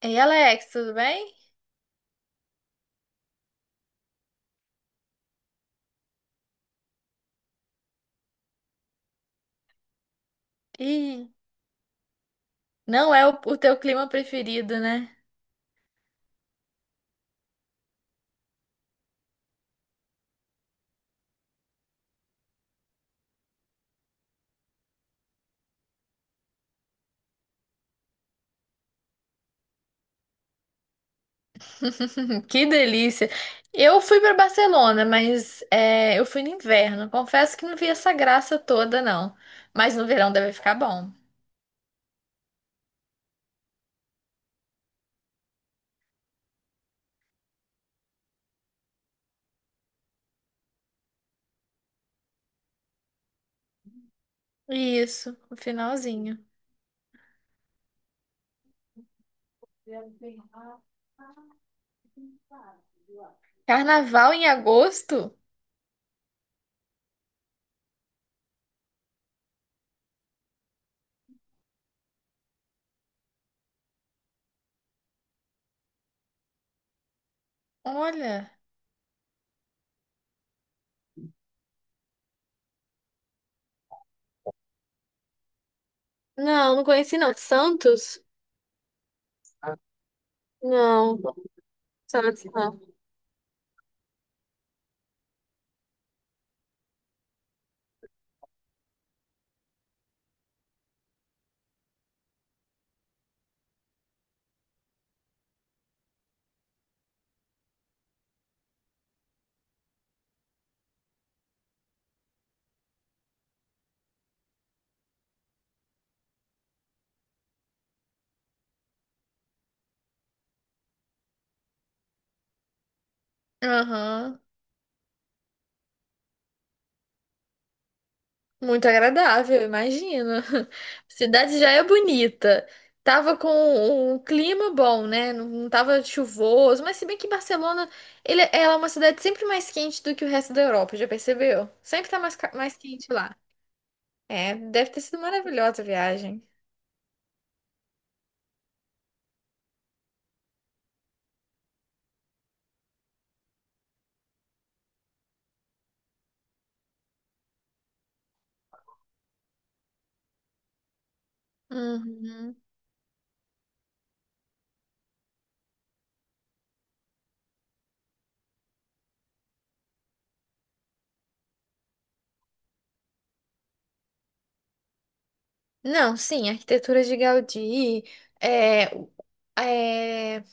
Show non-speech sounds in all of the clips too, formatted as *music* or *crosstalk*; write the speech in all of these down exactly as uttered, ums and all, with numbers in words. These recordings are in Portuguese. Ei, Alex, tudo bem? Ih, não é o, o teu clima preferido, né? *laughs* Que delícia! Eu fui para Barcelona, mas é, eu fui no inverno. Confesso que não vi essa graça toda, não. Mas no verão deve ficar bom. Isso, no finalzinho. Carnaval em agosto? Olha. Não, não conheci não. Santos? Não, Santos não. Aham. Muito agradável, eu imagino. *laughs* Cidade já é bonita. Tava com um clima bom, né? Não não tava chuvoso, mas se bem que Barcelona, ele, ela é uma cidade sempre mais quente do que o resto da Europa, já percebeu? Sempre tá mais, ca- mais quente lá. É, deve ter sido maravilhosa a viagem. Uhum. Não, sim, a arquitetura de Gaudí, é, o- é,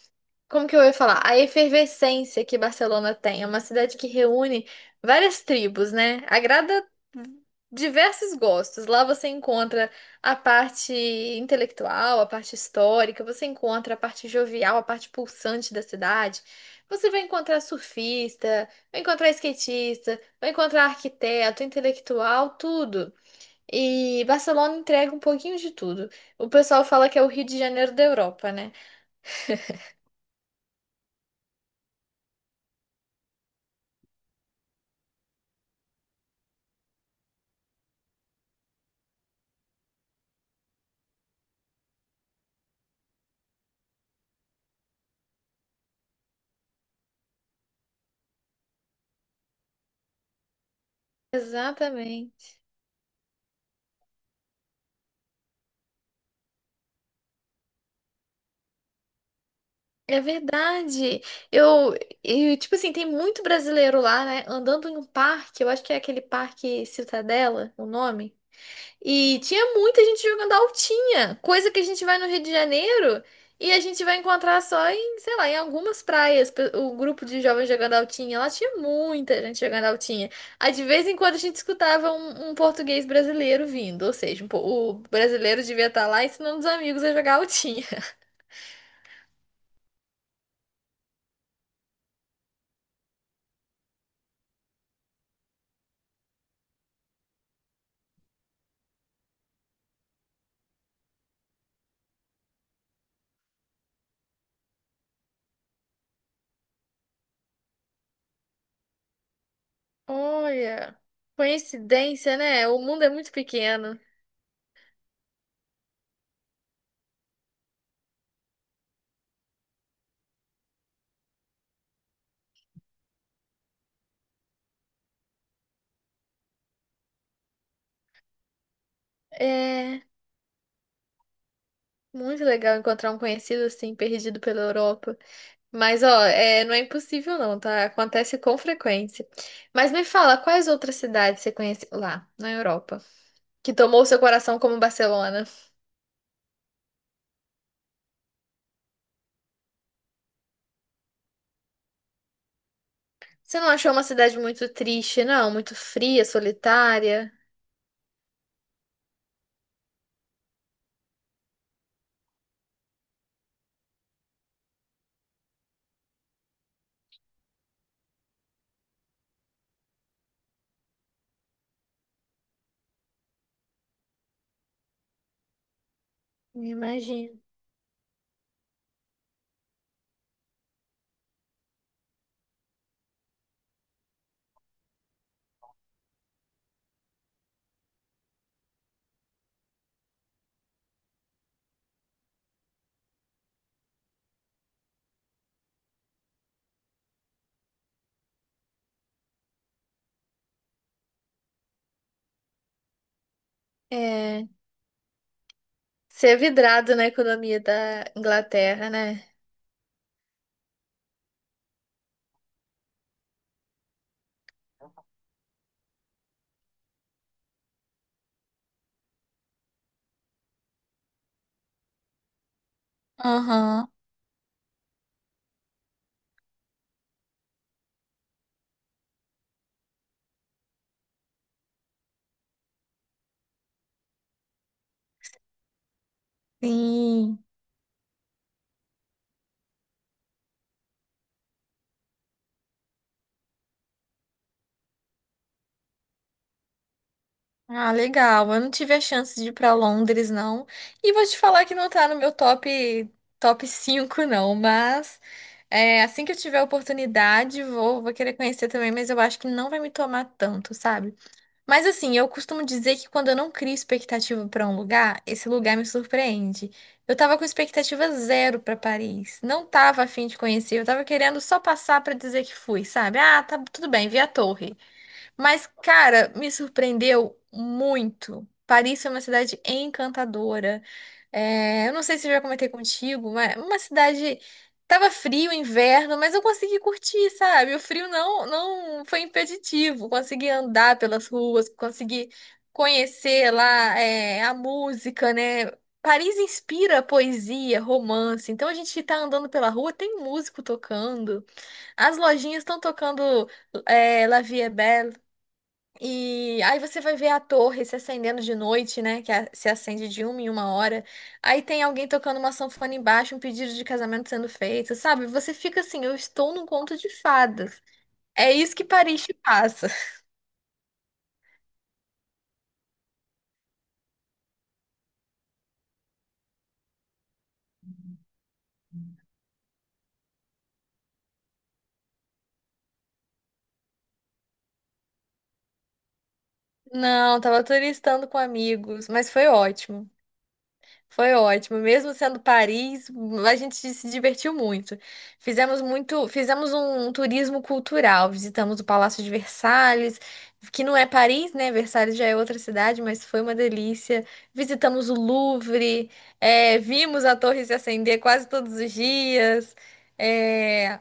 como que eu ia falar? A efervescência que Barcelona tem, é uma cidade que reúne várias tribos, né? Agrada diversos gostos. Lá você encontra a parte intelectual, a parte histórica, você encontra a parte jovial, a parte pulsante da cidade. Você vai encontrar surfista, vai encontrar skatista, vai encontrar arquiteto, intelectual, tudo. E Barcelona entrega um pouquinho de tudo. O pessoal fala que é o Rio de Janeiro da Europa, né? Exatamente. É verdade. Eu, e, tipo assim, tem muito brasileiro lá, né? Andando em um parque, eu acho que é aquele parque Citadela, o nome. E tinha muita gente jogando altinha, coisa que a gente vai no Rio de Janeiro e a gente vai encontrar só em, sei lá, em algumas praias. Pe- O grupo de jovens jogando altinha, lá tinha muita gente jogando altinha. Aí de vez em quando a gente escutava um, um português brasileiro vindo, ou seja, um po- o brasileiro devia estar lá ensinando os amigos a jogar altinha. Olha, coincidência, né? O mundo é muito pequeno. É muito legal encontrar um conhecido assim, perdido pela Europa. Mas, ó, é, não é impossível não, tá? Acontece com frequência. Mas me fala, quais outras cidades você conhece lá, na Europa, que tomou seu coração como Barcelona? Você não achou uma cidade muito triste, não? Muito fria, solitária? Me imagino. É, ser vidrado na economia da Inglaterra, né? Aham, sim. Ah, legal. Eu não tive a chance de ir para Londres, não. E vou te falar que não tá no meu top top cinco, não. Mas é, assim que eu tiver a oportunidade, vou, vou querer conhecer também. Mas eu acho que não vai me tomar tanto, sabe? Mas assim, eu costumo dizer que quando eu não crio expectativa para um lugar, esse lugar me surpreende. Eu tava com expectativa zero para Paris. Não tava a fim de conhecer. Eu tava querendo só passar para dizer que fui, sabe? Ah, tá tudo bem, vi a torre. Mas, cara, me surpreendeu muito. Paris é uma cidade encantadora. É, eu não sei se eu já comentei contigo, mas uma cidade. Tava frio, inverno, mas eu consegui curtir, sabe? O frio não, não foi impeditivo. Consegui andar pelas ruas, consegui conhecer lá, é, a música, né? Paris inspira poesia, romance. Então a gente tá andando pela rua, tem músico tocando, as lojinhas estão tocando é, La Vie est Belle. E aí você vai ver a torre se acendendo de noite, né? Que a- se acende de uma em uma hora. Aí tem alguém tocando uma sanfona embaixo, um pedido de casamento sendo feito, sabe? Você fica assim, eu estou num conto de fadas. É isso que Paris te passa. *laughs* Não, tava turistando com amigos, mas foi ótimo. Foi ótimo, mesmo sendo Paris, a gente se divertiu muito. Fizemos muito, fizemos um, um turismo cultural, visitamos o Palácio de Versalhes, que não é Paris, né? Versalhes já é outra cidade, mas foi uma delícia. Visitamos o Louvre, é, vimos a torre se acender quase todos os dias. É,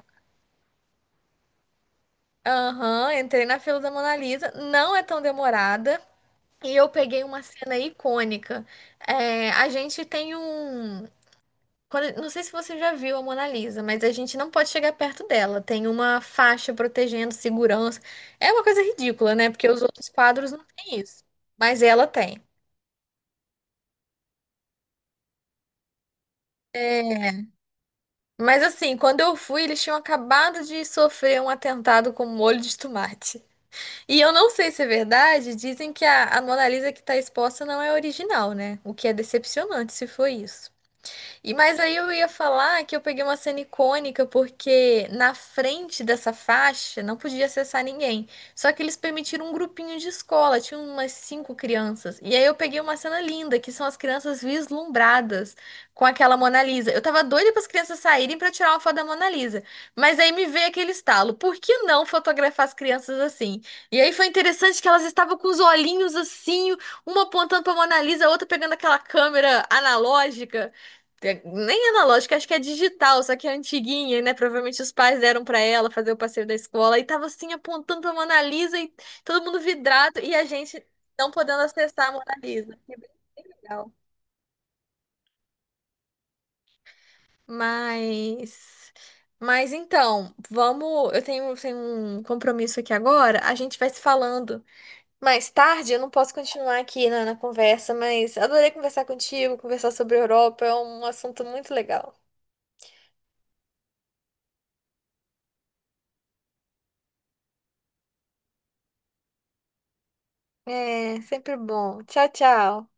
aham, entrei na fila da Mona Lisa, não é tão demorada. E eu peguei uma cena icônica. É, a gente tem um. Quando- não sei se você já viu a Mona Lisa, mas a gente não pode chegar perto dela. Tem uma faixa protegendo segurança. É uma coisa ridícula, né? Porque os outros quadros não têm isso. Mas ela tem. É, mas assim, quando eu fui, eles tinham acabado de sofrer um atentado com um molho de tomate. E eu não sei se é verdade, dizem que a, a Mona Lisa que está exposta não é original, né? O que é decepcionante se foi isso. E mas aí eu ia falar que eu peguei uma cena icônica porque na frente dessa faixa não podia acessar ninguém. Só que eles permitiram um grupinho de escola, tinha umas cinco crianças. E aí eu peguei uma cena linda, que são as crianças vislumbradas com aquela Mona Lisa. Eu tava doida para as crianças saírem para tirar uma foto da Mona Lisa, mas aí me veio aquele estalo, por que não fotografar as crianças assim? E aí foi interessante que elas estavam com os olhinhos assim, uma apontando para Mona Lisa, a outra pegando aquela câmera analógica. Tem- Nem analógica, acho que é digital, só que é antiguinha, né? Provavelmente os pais deram pra ela fazer o passeio da escola e tava assim apontando pra Mona Lisa e todo mundo vidrado e a gente não podendo acessar a Mona Lisa. Que bem bem legal. Mas, mas, então, vamos. Eu tenho, tenho um compromisso aqui agora. A gente vai se falando mais tarde. Eu não posso continuar aqui na, na conversa, mas adorei conversar contigo, conversar sobre a Europa. É um assunto muito legal. É, sempre bom. Tchau, tchau.